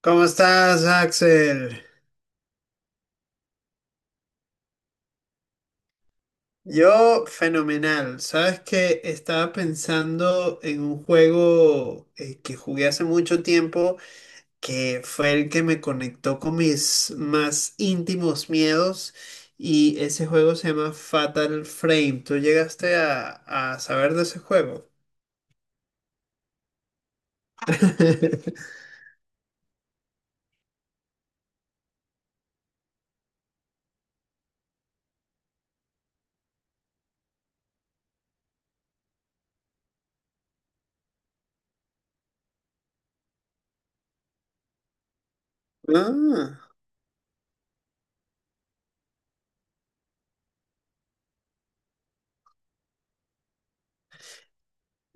¿Cómo estás, Axel? Yo, fenomenal. Sabes que estaba pensando en un juego que jugué hace mucho tiempo, que fue el que me conectó con mis más íntimos miedos, y ese juego se llama Fatal Frame. ¿Tú llegaste a saber de ese juego? Ah,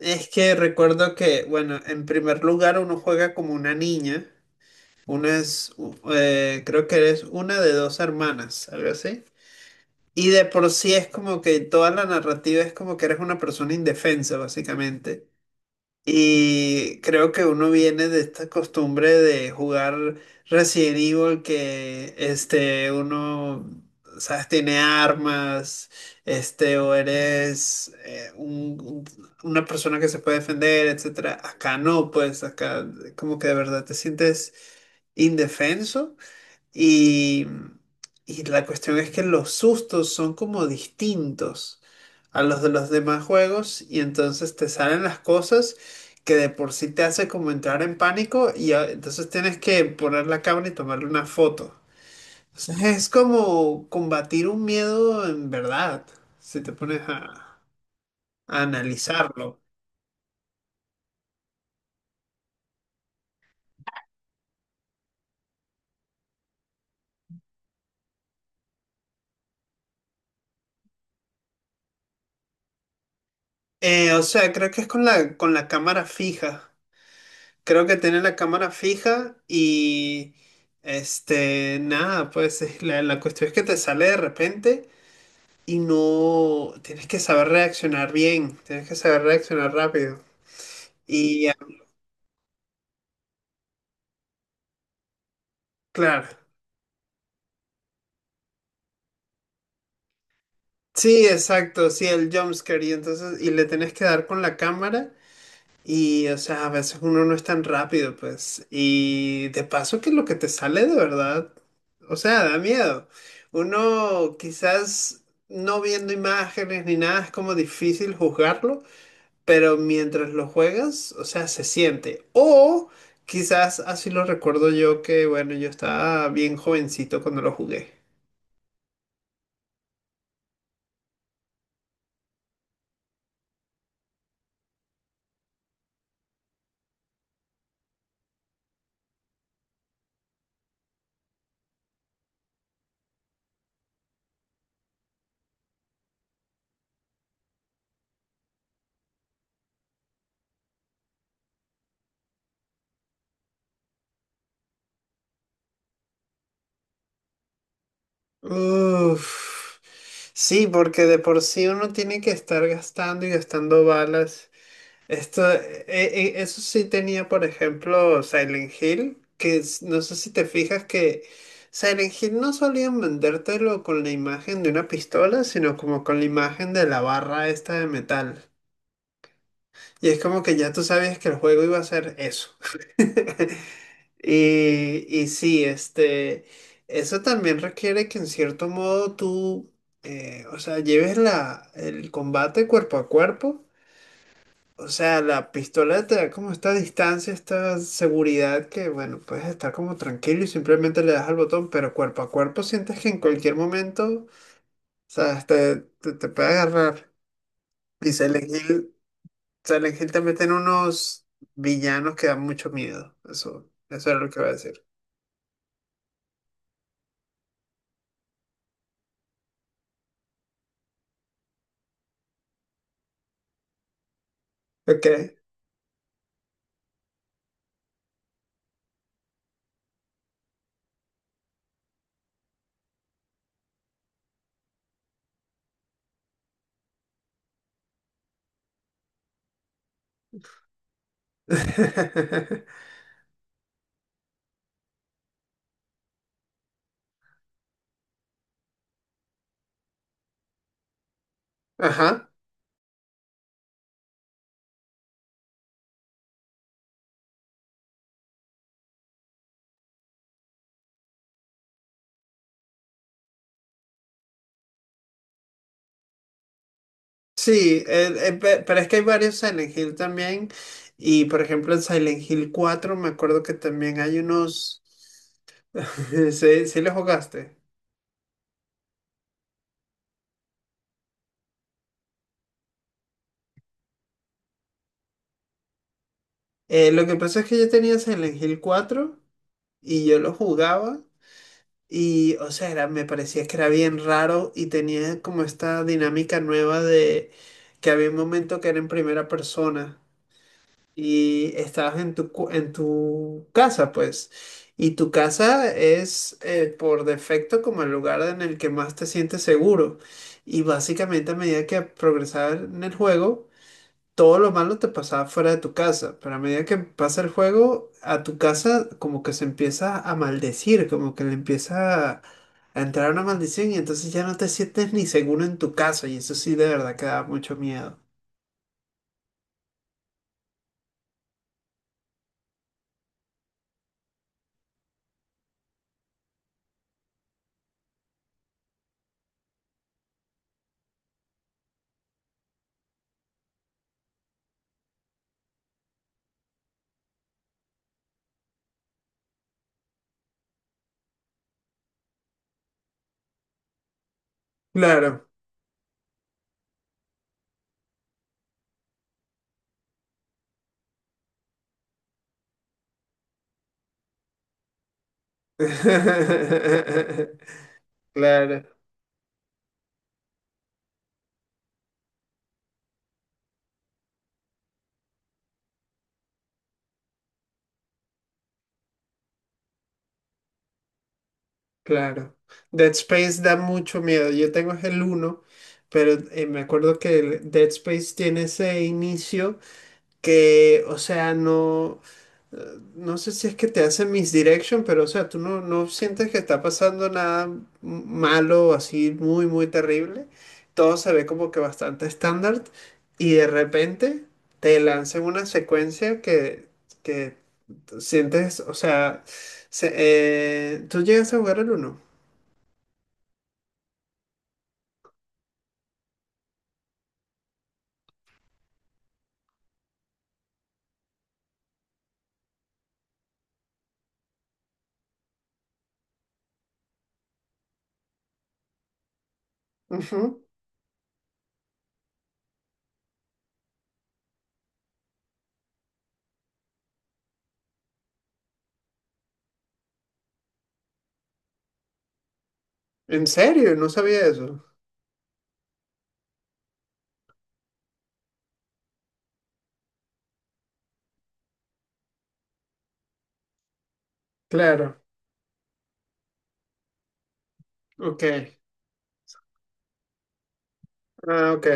es que recuerdo que, bueno, en primer lugar uno juega como una niña. Una es, creo que eres una de dos hermanas, algo así. Y de por sí es como que toda la narrativa es como que eres una persona indefensa, básicamente. Y creo que uno viene de esta costumbre de jugar Resident Evil que este, uno, sabes, tiene armas, este, o eres una persona que se puede defender, etcétera. Acá no, pues acá como que de verdad te sientes indefenso. Y, y la cuestión es que los sustos son como distintos a los de los demás juegos y entonces te salen las cosas que de por sí te hace como entrar en pánico y entonces tienes que poner la cámara y tomarle una foto. Entonces es como combatir un miedo en verdad, si te pones a analizarlo. O sea, creo que es con la cámara fija. Creo que tiene la cámara fija y este, nada, pues es la, la cuestión es que te sale de repente y no tienes que saber reaccionar bien, tienes que saber reaccionar rápido. Y ah, claro, sí, exacto, sí, el jumpscare y entonces, y le tienes que dar con la cámara. Y, o sea, a veces uno no es tan rápido, pues. Y de paso que lo que te sale de verdad, o sea, da miedo. Uno quizás no viendo imágenes ni nada es como difícil juzgarlo, pero mientras lo juegas, o sea, se siente. O quizás así lo recuerdo yo que, bueno, yo estaba bien jovencito cuando lo jugué. Uf. Sí, porque de por sí uno tiene que estar gastando y gastando balas. Esto, eso sí tenía, por ejemplo, Silent Hill, que es- no sé si te fijas que Silent Hill no solían vendértelo con la imagen de una pistola, sino como con la imagen de la barra esta de metal. Y es como que ya tú sabías que el juego iba a ser eso. Y, y sí, este, eso también requiere que en cierto modo tú, o sea, lleves la, el combate cuerpo a cuerpo. O sea, la pistola te da como esta distancia, esta seguridad que, bueno, puedes estar como tranquilo y simplemente le das al botón, pero cuerpo a cuerpo sientes que en cualquier momento, sabes, te puede agarrar. Y Silent Hill, Silent Hill también tiene unos villanos que dan mucho miedo. Eso era lo que iba a decir. Ok. Ajá. Sí, pero es que hay varios Silent Hill también. Y por ejemplo, en Silent Hill 4 me acuerdo que también hay unos. Sí, sí lo jugaste. Lo que pasa es que yo tenía Silent Hill 4 y yo lo jugaba y, o sea, era- me parecía que era bien raro y tenía como esta dinámica nueva de que había un momento que era en primera persona y estabas en tu, en tu casa, pues. Y tu casa es por defecto como el lugar en el que más te sientes seguro. Y básicamente a medida que progresaba en el juego todo lo malo te pasaba fuera de tu casa, pero a medida que pasa el juego, a tu casa como que se empieza a maldecir, como que le empieza a entrar una maldición y entonces ya no te sientes ni seguro en tu casa y eso sí de verdad que da mucho miedo. Claro. Claro, claro. Dead Space da mucho miedo. Yo tengo es el uno, pero me acuerdo que el Dead Space tiene ese inicio que, o sea, no. No sé si es que te hace misdirection, pero o sea, tú no, no sientes que está pasando nada malo, así muy, muy terrible. Todo se ve como que bastante estándar y de repente te lanzan una secuencia que tú sientes, o sea, se- tú llegas a jugar el uno. Ujú. ¿En serio? No sabía eso. Claro, ok. Ah, ok.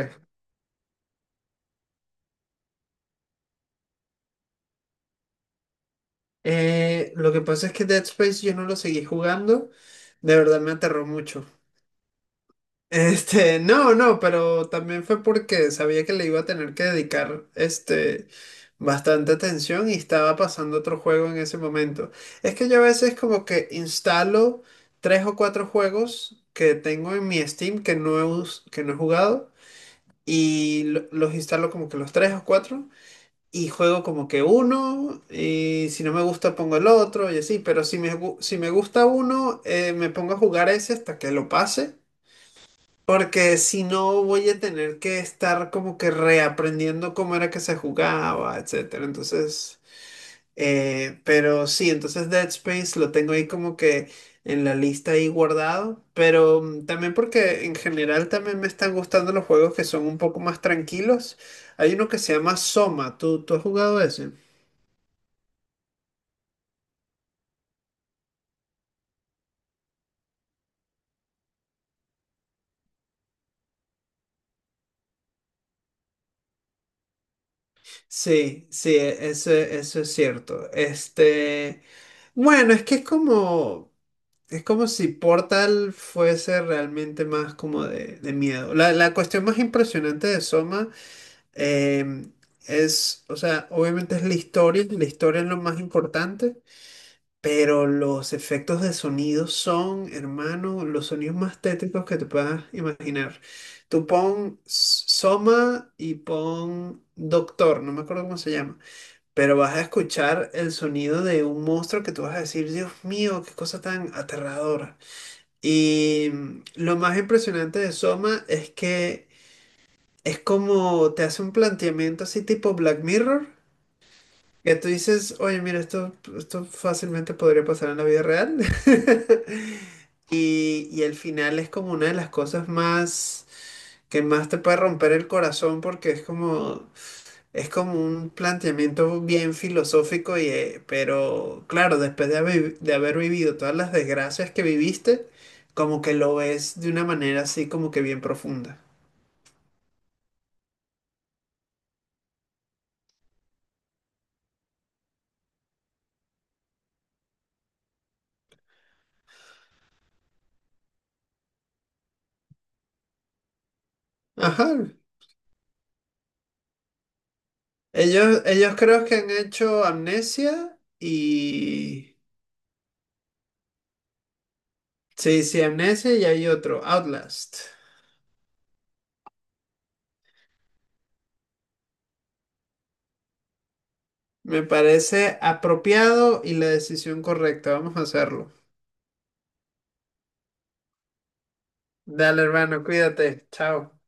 Lo que pasa es que Dead Space yo no lo seguí jugando. De verdad me aterró mucho. Este, no, no, pero también fue porque sabía que le iba a tener que dedicar, este, bastante atención y estaba pasando otro juego en ese momento. Es que yo a veces como que instalo tres o cuatro juegos que tengo en mi Steam que no he, que no he jugado y los instalo como que los tres o cuatro y juego como que uno y si no me gusta pongo el otro y así, pero si me, si me gusta uno, me pongo a jugar ese hasta que lo pase. Porque si no voy a tener que estar como que reaprendiendo cómo era que se jugaba, etcétera. Entonces, pero sí, entonces Dead Space lo tengo ahí como que en la lista ahí guardado. Pero mm, también porque en general también me están gustando los juegos que son un poco más tranquilos. Hay uno que se llama Soma. ¿Tú, tú has jugado ese? Sí, sí, eso, eso es cierto. Este, bueno, es que es como. Es como si Portal fuese realmente más como de miedo. La cuestión más impresionante de Soma eh, es, o sea, obviamente es la historia es lo más importante, pero los efectos de sonido son, hermano, los sonidos más tétricos que te puedas imaginar. Tú pon Soma y pon Doctor, no me acuerdo cómo se llama, pero vas a escuchar el sonido de un monstruo que tú vas a decir, Dios mío, qué cosa tan aterradora. Y mm, lo más impresionante de Soma es que es como te hace un planteamiento así tipo Black Mirror, que tú dices, oye, mira, esto fácilmente podría pasar en la vida real. Y, y el final es como una de las cosas más que más te puede romper el corazón porque es como... Es como un planteamiento bien filosófico, y, pero claro, después de haber vivido todas las desgracias que viviste, como que lo ves de una manera así como que bien profunda. Ajá. Ellos creo que han hecho Amnesia y... Sí, sí, Amnesia y hay otro, Outlast. Me parece apropiado y la decisión correcta. Vamos a hacerlo. Dale, hermano, cuídate. Chao.